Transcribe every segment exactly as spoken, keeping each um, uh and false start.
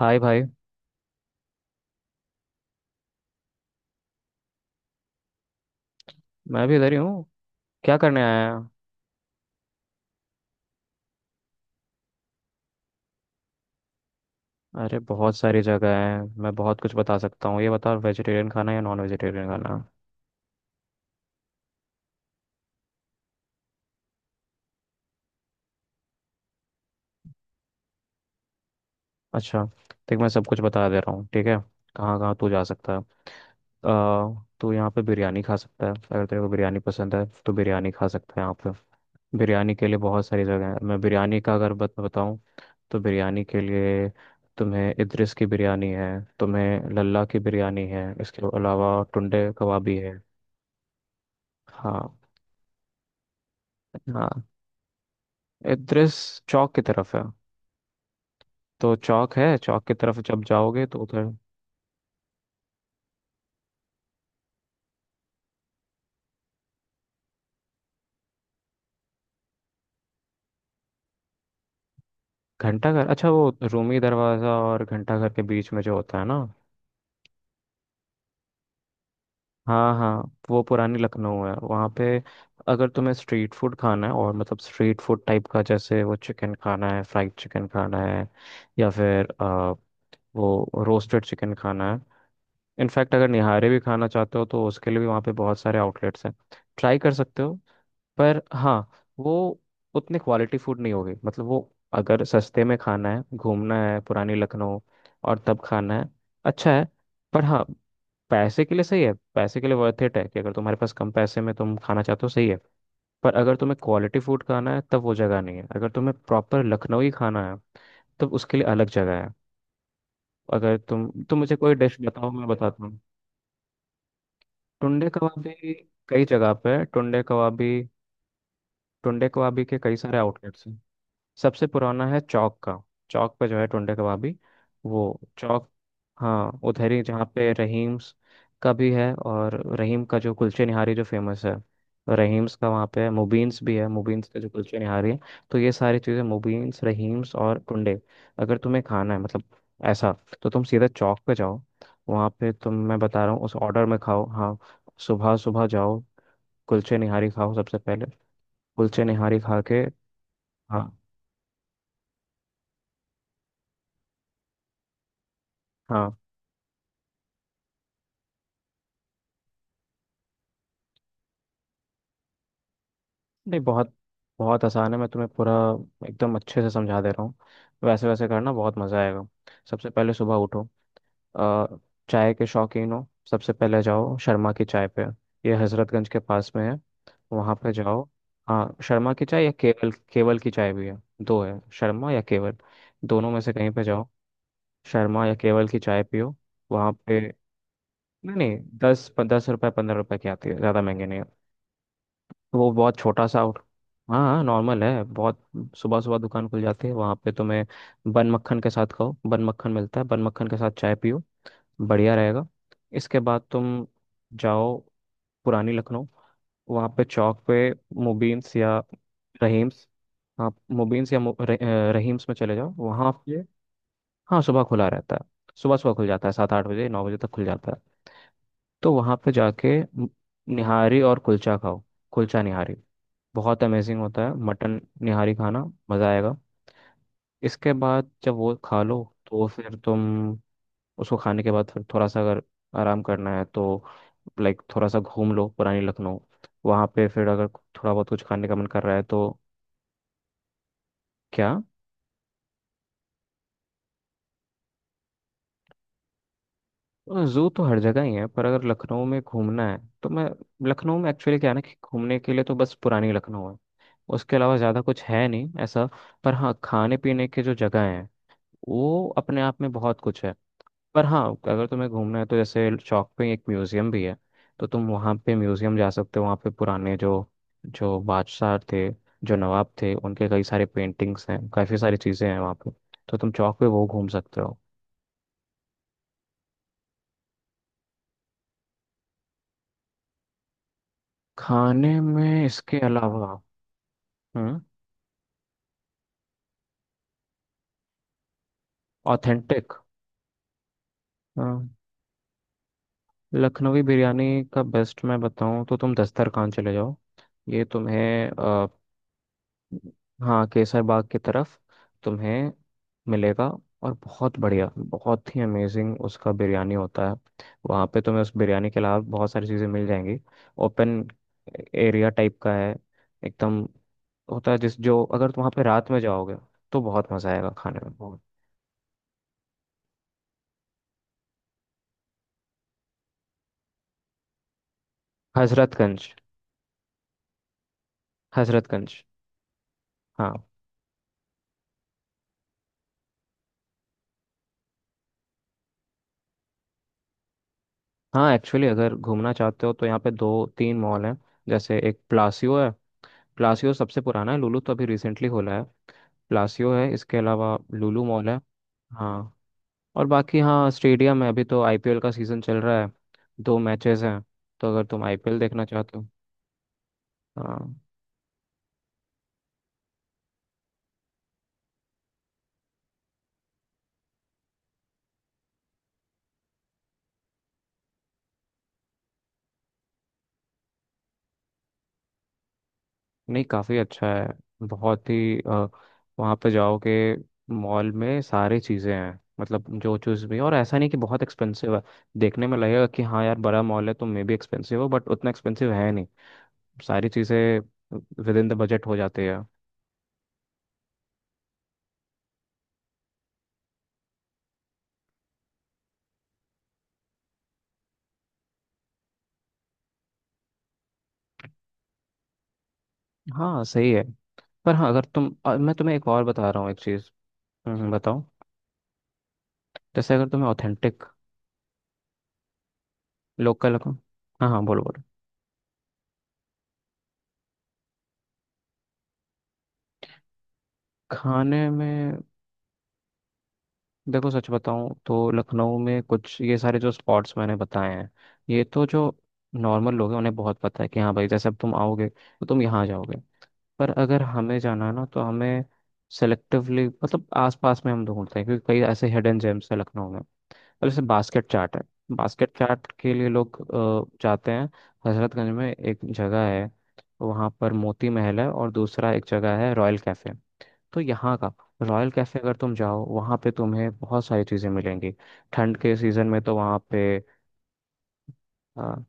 हाय भाई। मैं भी इधर ही हूँ। क्या करने आया है। अरे बहुत सारी जगह है, मैं बहुत कुछ बता सकता हूँ। ये बता वेजिटेरियन खाना है या नॉन वेजिटेरियन खाना है? अच्छा, देख मैं सब कुछ बता दे रहा हूँ, ठीक है। कहाँ कहाँ तू जा सकता है। अ, तू यहाँ पे बिरयानी खा सकता है, अगर तेरे को बिरयानी पसंद है तो बिरयानी खा सकता है यहाँ पे। बिरयानी के लिए बहुत सारी जगह है। मैं बिरयानी का अगर बत बताऊँ तो बिरयानी के लिए तुम्हें इद्रिस की बिरयानी है, तुम्हें लल्ला की बिरयानी है, इसके अलावा टुंडे कबाबी है। हाँ हाँ। इद्रिस चौक की तरफ है। तो चौक है, चौक की तरफ जब जाओगे तो उधर। घंटाघर, अच्छा वो रूमी दरवाज़ा और घंटाघर के बीच में जो होता है ना। हाँ हाँ, वो पुरानी लखनऊ है वहाँ पे। अगर तुम्हें स्ट्रीट फूड खाना है और मतलब स्ट्रीट फूड टाइप का, जैसे वो चिकन खाना है, फ्राइड चिकन खाना है या फिर अ, वो रोस्टेड चिकन खाना है। इनफैक्ट अगर निहारे भी खाना चाहते हो तो उसके लिए भी वहाँ पे बहुत सारे आउटलेट्स हैं, ट्राई कर सकते हो। पर हाँ, वो उतनी क्वालिटी फूड नहीं होगी। मतलब वो, अगर सस्ते में खाना है, घूमना है पुरानी लखनऊ और तब खाना है, अच्छा है। पर हाँ, पैसे के लिए सही है, पैसे के लिए वर्थ इट है कि अगर तुम्हारे पास कम पैसे में तुम खाना चाहते हो, सही है। पर अगर तुम्हें क्वालिटी फूड खाना है तब वो जगह नहीं है। अगर तुम्हें प्रॉपर लखनऊ ही खाना है तब उसके लिए अलग जगह है। अगर तुम तुम मुझे कोई डिश बताओ मैं बताता। टुंडे कबाबी कई जगह पे है। टुंडे कबाबी, टुंडे कबाबी के कई सारे आउटलेट्स हैं। सबसे पुराना है चौक का। चौक पे जो है टुंडे कबाबी, वो चौक। हाँ उधर ही जहाँ पे रहीम्स का भी है, और रहीम का जो कुलचे निहारी जो फेमस है, रहीम्स का वहाँ पे है, मुबीन्स भी है, मुबीन्स का जो कुलचे निहारी है। तो ये सारी चीज़ें, मुबीन्स, रहीम्स और टुंडे, अगर तुम्हें खाना है मतलब ऐसा, तो तुम सीधा चौक पे जाओ। वहाँ पे तुम, मैं बता रहा हूँ उस ऑर्डर में खाओ। हाँ सुबह सुबह जाओ, कुलचे निहारी खाओ सबसे पहले। कुलचे निहारी खा के, हाँ हाँ, नहीं बहुत, बहुत आसान है। मैं तुम्हें पूरा एकदम अच्छे से समझा दे रहा हूँ। वैसे वैसे करना बहुत मज़ा आएगा। सबसे पहले सुबह उठो। अ, चाय के शौकीन हो, सबसे पहले जाओ शर्मा की चाय पे। ये हजरतगंज के पास में है, वहाँ पे जाओ। हाँ शर्मा की चाय या केवल, केवल की चाय भी है। दो है, शर्मा या केवल, दोनों में से कहीं पे जाओ। शर्मा या केवल की चाय पियो वहाँ पे। नहीं नहीं, दस दस रुपये पंद्रह रुपये की आती है, ज़्यादा महंगी नहीं है। तो वो बहुत छोटा सा, हाँ हाँ नॉर्मल है बहुत। सुबह सुबह दुकान खुल जाती है, वहाँ पे तुम्हें बन मक्खन के साथ खाओ, बन मक्खन मिलता है, बन मक्खन के साथ चाय पियो, बढ़िया रहेगा। इसके बाद तुम जाओ पुरानी लखनऊ, वहाँ पे चौक पे, मुबीन्स या रहीम्स। हाँ मुबीन्स या मु- र- अ, रहीम्स में चले जाओ वहाँ पे। हाँ सुबह खुला रहता है, सुबह सुबह खुल जाता है, सात आठ बजे नौ बजे तक खुल जाता है। तो वहाँ पे जाके निहारी और कुलचा खाओ। कुलचा निहारी बहुत अमेजिंग होता है, मटन निहारी खाना, मज़ा आएगा। इसके बाद जब वो खा लो तो फिर तुम, उसको खाने के बाद फिर थोड़ा सा अगर आराम करना है तो, लाइक थोड़ा सा घूम लो पुरानी लखनऊ। वहाँ पे फिर अगर थोड़ा बहुत कुछ खाने का मन कर रहा है तो। क्या, जू तो हर जगह ही है, पर अगर लखनऊ में घूमना है तो मैं, लखनऊ में एक्चुअली क्या है ना, कि घूमने के लिए तो बस पुरानी लखनऊ है, उसके अलावा ज़्यादा कुछ है नहीं ऐसा। पर हाँ, खाने पीने के जो जगह हैं वो अपने आप में बहुत कुछ है। पर हाँ, अगर तुम्हें घूमना है तो जैसे चौक पे एक म्यूजियम भी है, तो तुम वहाँ पे म्यूजियम जा सकते हो। वहाँ पे पुराने जो जो बादशाह थे, जो नवाब थे, उनके कई सारे पेंटिंग्स हैं, काफ़ी सारी चीज़ें हैं वहाँ पे, तो तुम चौक पे वो घूम सकते हो। खाने में इसके अलावा, हम्म ऑथेंटिक, हाँ, लखनवी बिरयानी का बेस्ट मैं बताऊँ तो तुम दस्तरखान चले जाओ। ये तुम्हें, हाँ केसर बाग की तरफ, तुम्हें मिलेगा। और बहुत बढ़िया, बहुत ही अमेजिंग उसका बिरयानी होता है। वहाँ पे तुम्हें उस बिरयानी के अलावा बहुत सारी चीज़ें मिल जाएंगी। ओपन एरिया टाइप का है एकदम, होता है जिस जो, अगर तुम वहाँ पे रात में जाओगे तो बहुत मज़ा आएगा खाने में बहुत। हजरतगंज। हजरतगंज। हाँ। हाँ एक्चुअली अगर घूमना चाहते हो तो यहाँ पे दो तीन मॉल हैं, जैसे एक प्लासियो है, प्लासियो सबसे पुराना है, लुलु तो अभी रिसेंटली खोला है। प्लासियो है, इसके अलावा लुलु मॉल है। हाँ और बाकी, हाँ स्टेडियम है, अभी तो आईपीएल का सीज़न चल रहा है, दो मैचेस हैं, तो अगर तुम आईपीएल देखना चाहते हो। हाँ। नहीं काफ़ी अच्छा है, बहुत ही अ, वहाँ पे जाओगे, मॉल में सारी चीज़ें हैं, मतलब जो चीज़ भी, और ऐसा नहीं कि बहुत एक्सपेंसिव है। देखने में लगेगा कि हाँ यार बड़ा मॉल है तो मे भी एक्सपेंसिव हो, बट उतना एक्सपेंसिव है नहीं। सारी चीज़ें विद इन द बजट हो जाती है। हाँ सही है। पर हाँ अगर तुम अ, मैं तुम्हें एक और बता रहा हूँ एक चीज़। हम्म बताओ। जैसे अगर तुम्हें ऑथेंटिक, लोकल हाँ हाँ बोलो बोलो, खाने में, देखो सच बताऊं तो लखनऊ में कुछ ये सारे जो स्पॉट्स मैंने बताए हैं, ये तो जो नॉर्मल लोग हैं उन्हें बहुत पता है कि हाँ भाई, जैसे अब तुम आओगे तो तुम यहाँ जाओगे। पर अगर हमें जाना है ना, तो हमें सेलेक्टिवली, मतलब आसपास में हम ढूंढते हैं, क्योंकि कई ऐसे हिडन जेम्स हैं लखनऊ में। अब जैसे बास्केट चाट है, बास्केट चाट के लिए लोग अ, जाते हैं। हजरतगंज में एक जगह है, वहाँ पर मोती महल है, और दूसरा एक जगह है रॉयल कैफ़े। तो यहाँ का रॉयल कैफ़े, अगर तुम जाओ वहाँ पे तुम्हें बहुत सारी चीज़ें मिलेंगी, ठंड के सीज़न में तो वहाँ पे। अ,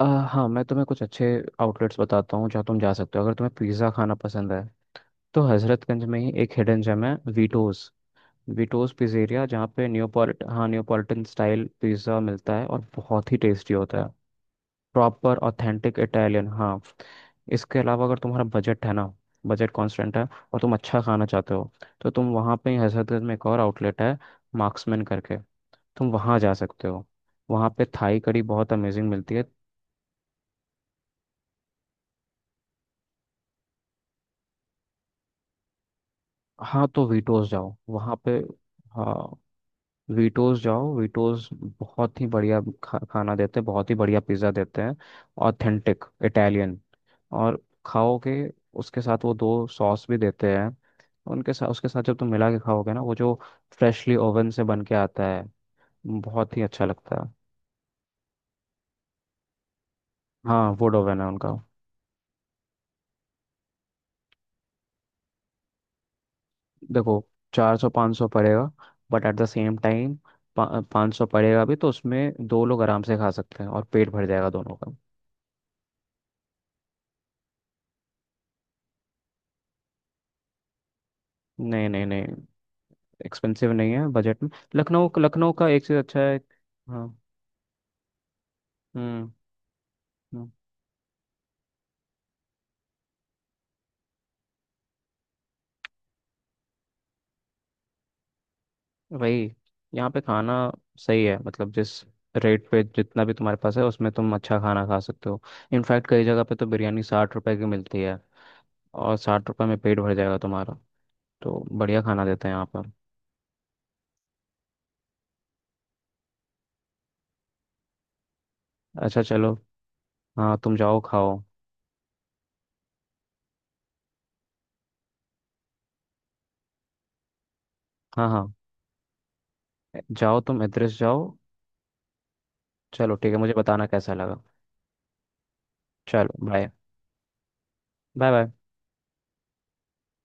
अ, हाँ मैं तुम्हें कुछ अच्छे आउटलेट्स बताता हूँ, जहाँ तुम जा सकते हो। अगर तुम्हें पिज़्ज़ा खाना पसंद है तो हजरतगंज में ही एक हिडन जेम है, वीटोज, विटोज पिज़्ज़ेरिया, जहाँ पे न्योपोलिट, हाँ न्योपॉलिटन स्टाइल पिज़्ज़ा मिलता है, और बहुत ही टेस्टी होता है। प्रॉपर ऑथेंटिक इटालियन, हाँ। इसके अलावा अगर तुम्हारा बजट है ना, बजट कॉन्स्टेंट है, और तुम अच्छा खाना चाहते हो, तो तुम वहाँ पे ही हजरतगंज में एक और आउटलेट है, मार्क्समैन करके, तुम वहाँ जा सकते हो। वहाँ पे थाई कड़ी बहुत अमेजिंग मिलती है। हाँ तो वीटोज जाओ वहाँ पे। हाँ वीटोज जाओ, वीटोज बहुत ही बढ़िया खा, खाना देते हैं, बहुत ही बढ़िया पिज्ज़ा देते हैं, ऑथेंटिक इटालियन। और खाओ के, उसके साथ वो दो सॉस भी देते हैं, उनके साथ उसके साथ जब तुम मिला के खाओगे ना, वो जो फ्रेशली ओवन से बन के आता है, बहुत ही अच्छा लगता है। हाँ वुड ओवन है उनका। देखो, चार सौ पाँच सौ पड़ेगा, but at the same time पाँच सौ पड़ेगा भी, तो उसमें दो लोग आराम से खा सकते हैं और पेट भर जाएगा दोनों का। नहीं नहीं नहीं, एक्सपेंसिव नहीं है, बजट में। लखनऊ, लखनऊ का एक चीज़ अच्छा है, हाँ। हम्म हम्म, वही, यहाँ पे खाना सही है, मतलब जिस रेट पे जितना भी तुम्हारे पास है उसमें तुम अच्छा खाना खा सकते हो। इनफैक्ट कई जगह पे तो बिरयानी साठ रुपए की मिलती है, और साठ रुपए में पेट भर जाएगा तुम्हारा। तो बढ़िया खाना देते हैं यहाँ पर। अच्छा चलो, हाँ तुम जाओ खाओ। हाँ हाँ, जाओ तुम एड्रेस जाओ। चलो ठीक है, मुझे बताना कैसा लगा। चलो बाय। Bye bye.